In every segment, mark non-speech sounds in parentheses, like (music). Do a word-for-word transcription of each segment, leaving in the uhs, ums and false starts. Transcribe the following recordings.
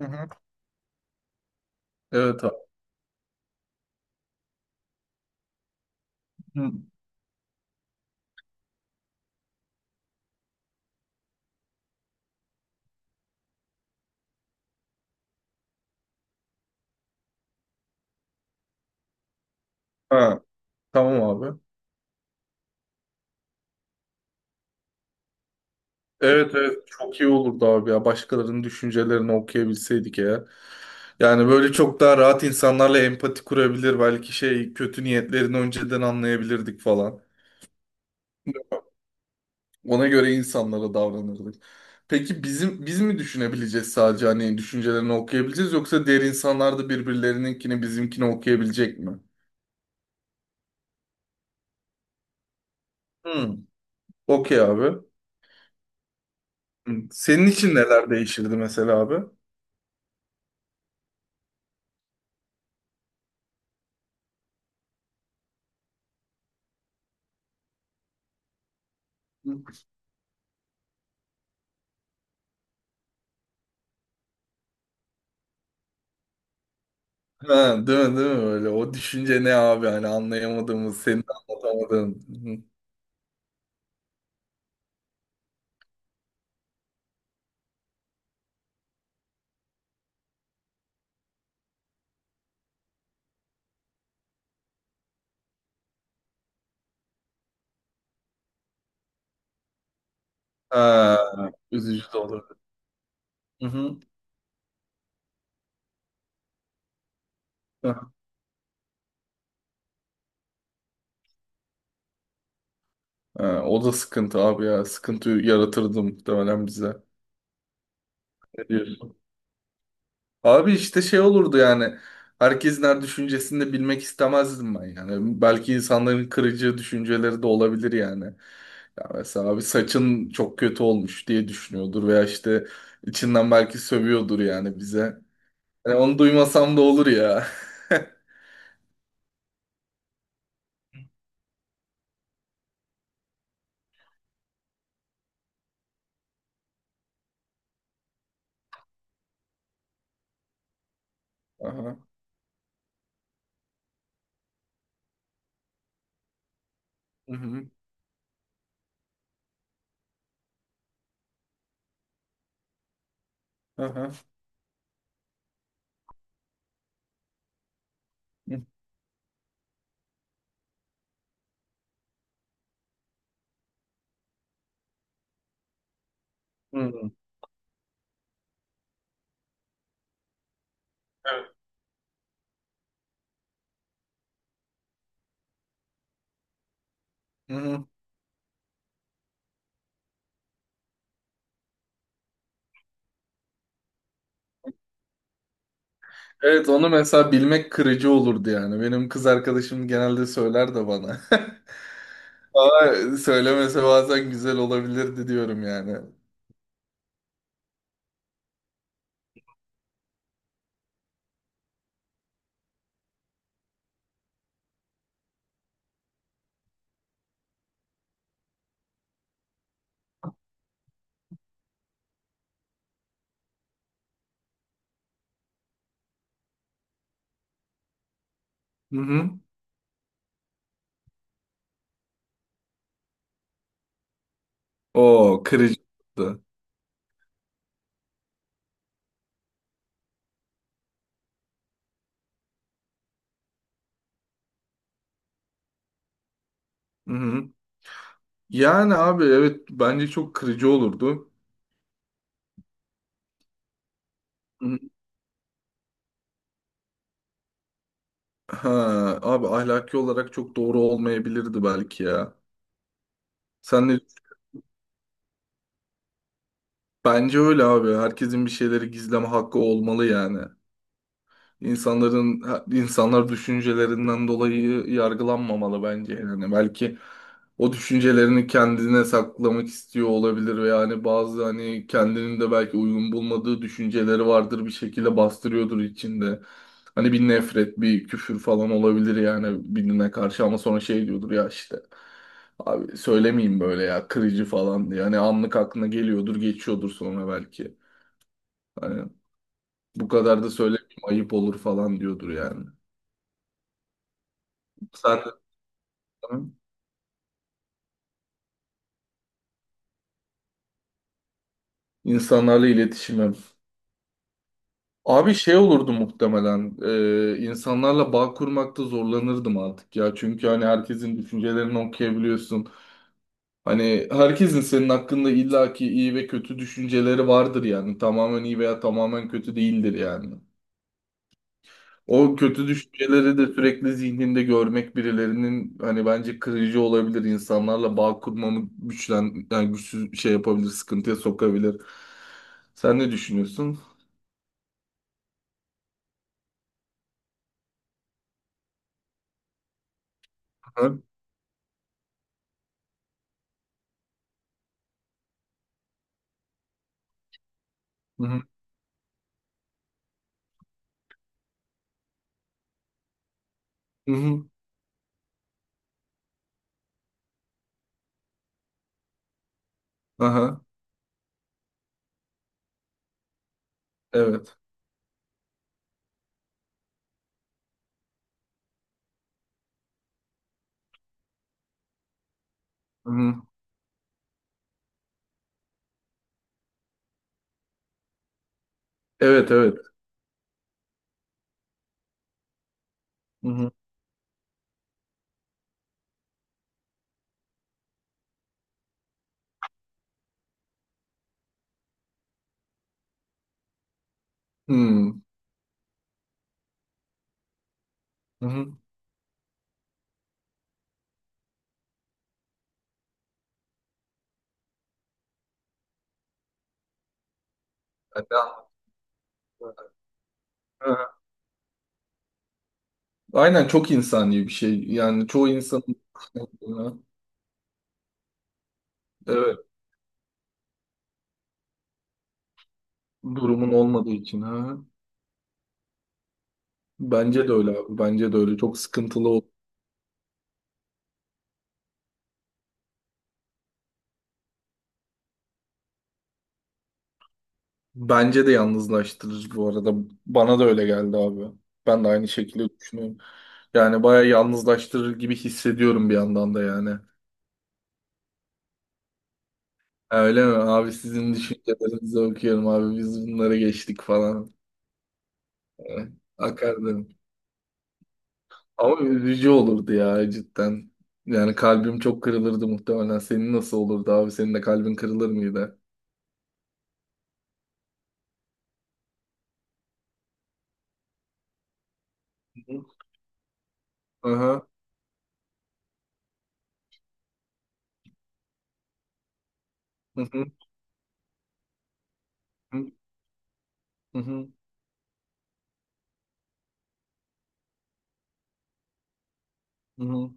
Hı hı. Evet abi. Hı. Ha, tamam abi. Evet, evet, çok iyi olurdu abi ya. Başkalarının düşüncelerini okuyabilseydik ya. Yani böyle çok daha rahat insanlarla empati kurabilir. Belki şey kötü niyetlerini önceden anlayabilirdik falan. Ona göre insanlara davranırdık. Peki bizim biz mi düşünebileceğiz sadece, hani düşüncelerini okuyabileceğiz, yoksa diğer insanlar da birbirlerininkini bizimkini okuyabilecek mi? Hmm. Okey abi. Hmm. Senin için neler değişirdi mesela abi? Ha, değil mi, değil mi öyle? O düşünce ne abi, hani anlayamadığımız, senin anlatamadığın. Hı. Ha, üzücü de olur. Hı-hı. Ha, ha, o da sıkıntı abi ya. Sıkıntı yaratırdı muhtemelen bize. Ne diyorsun? Abi işte şey olurdu yani. Herkesin her düşüncesini de bilmek istemezdim ben yani. Belki insanların kırıcı düşünceleri de olabilir yani. Ya mesela abi saçın çok kötü olmuş diye düşünüyordur veya işte içinden belki sövüyordur yani bize. Yani onu duymasam da olur ya. (laughs) Aha. Hı hı. Aha. Hı hı. Evet. Hı hı. Evet, onu mesela bilmek kırıcı olurdu yani. Benim kız arkadaşım genelde söyler de bana. (laughs) Ama söylemese bazen güzel olabilirdi diyorum yani. Hı hı. O kırıcı olurdu. Hı hı. Yani abi evet, bence çok kırıcı olurdu. Hı hı. Ha, abi ahlaki olarak çok doğru olmayabilirdi belki ya. Sen de bence öyle abi. Herkesin bir şeyleri gizleme hakkı olmalı yani. İnsanların insanlar düşüncelerinden dolayı yargılanmamalı bence. Yani belki o düşüncelerini kendine saklamak istiyor olabilir ve yani bazı hani kendinin de belki uygun bulmadığı düşünceleri vardır, bir şekilde bastırıyordur içinde. Hani bir nefret, bir küfür falan olabilir yani birine karşı, ama sonra şey diyordur ya işte, abi söylemeyeyim, böyle ya kırıcı falan diye. Hani anlık aklına geliyordur, geçiyordur sonra belki. Hani bu kadar da söylemeyeyim, ayıp olur falan diyordur yani. Sen de canım. İnsanlarla iletişimim. Abi şey olurdu muhtemelen. e, insanlarla bağ kurmakta zorlanırdım artık ya. Çünkü hani herkesin düşüncelerini okuyabiliyorsun. Hani herkesin senin hakkında illaki iyi ve kötü düşünceleri vardır yani. Tamamen iyi veya tamamen kötü değildir yani. O kötü düşünceleri de sürekli zihninde görmek birilerinin hani bence kırıcı olabilir. İnsanlarla bağ kurmamı güçlen, yani güçsüz şey yapabilir, sıkıntıya sokabilir. Sen ne düşünüyorsun? Ha? Hı hı. Hı hı. Aha. Evet. Hı hı. Evet, evet. Hı hı. Hmm. Hı hı. Yani. Hı hı. Aynen, çok insani bir şey. Yani çoğu insanın, evet, durumun olmadığı için ha. Bence de öyle abi. Bence de öyle. Çok sıkıntılı ol. Bence de yalnızlaştırır bu arada. Bana da öyle geldi abi. Ben de aynı şekilde düşünüyorum. Yani bayağı yalnızlaştırır gibi hissediyorum bir yandan da yani. Öyle mi? Abi sizin düşüncelerinizi okuyorum abi. Biz bunlara geçtik falan. Akardım. Ama üzücü olurdu ya cidden. Yani kalbim çok kırılırdı muhtemelen. Senin nasıl olurdu abi? Senin de kalbin kırılır mıydı? Hı hı. Aha. Hı hı. Hı hı. Hı hı.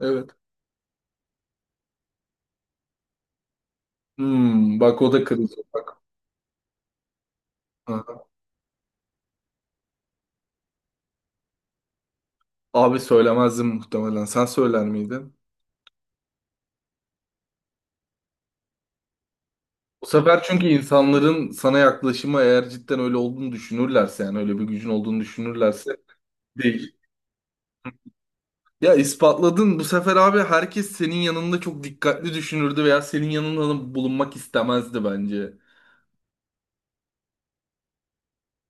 Evet. Hmm, bak o da kırılacak. Bak. Aha. Abi söylemezdim muhtemelen. Sen söyler miydin? Bu sefer çünkü insanların sana yaklaşımı, eğer cidden öyle olduğunu düşünürlerse, yani öyle bir gücün olduğunu düşünürlerse değişir. Ya ispatladın, bu sefer abi herkes senin yanında çok dikkatli düşünürdü veya senin yanında bulunmak istemezdi bence.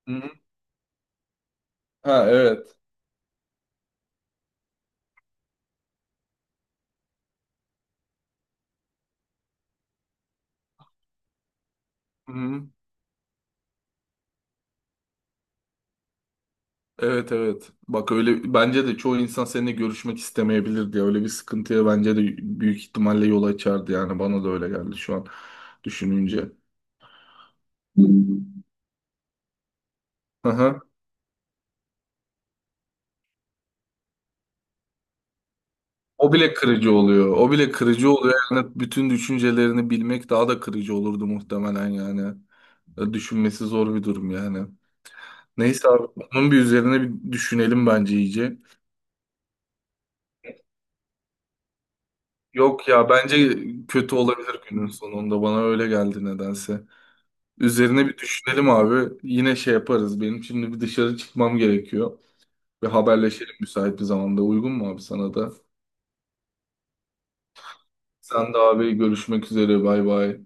Hı hı. Ha, evet. Hı hı. Evet, evet. Bak öyle, bence de çoğu insan seninle görüşmek istemeyebilirdi ya. Öyle bir sıkıntıya bence de büyük ihtimalle yol açardı yani, bana da öyle geldi şu an düşününce. Hı hı. O bile kırıcı oluyor. O bile kırıcı oluyor. Yani bütün düşüncelerini bilmek daha da kırıcı olurdu muhtemelen yani. Düşünmesi zor bir durum yani. Neyse abi, onun bir üzerine bir düşünelim bence iyice. Yok ya, bence kötü olabilir günün sonunda, bana öyle geldi nedense. Üzerine bir düşünelim abi. Yine şey yaparız. Benim şimdi bir dışarı çıkmam gerekiyor. Ve haberleşelim müsait bir zamanda. Uygun mu abi sana da? Sen de abi, görüşmek üzere. Bay bay.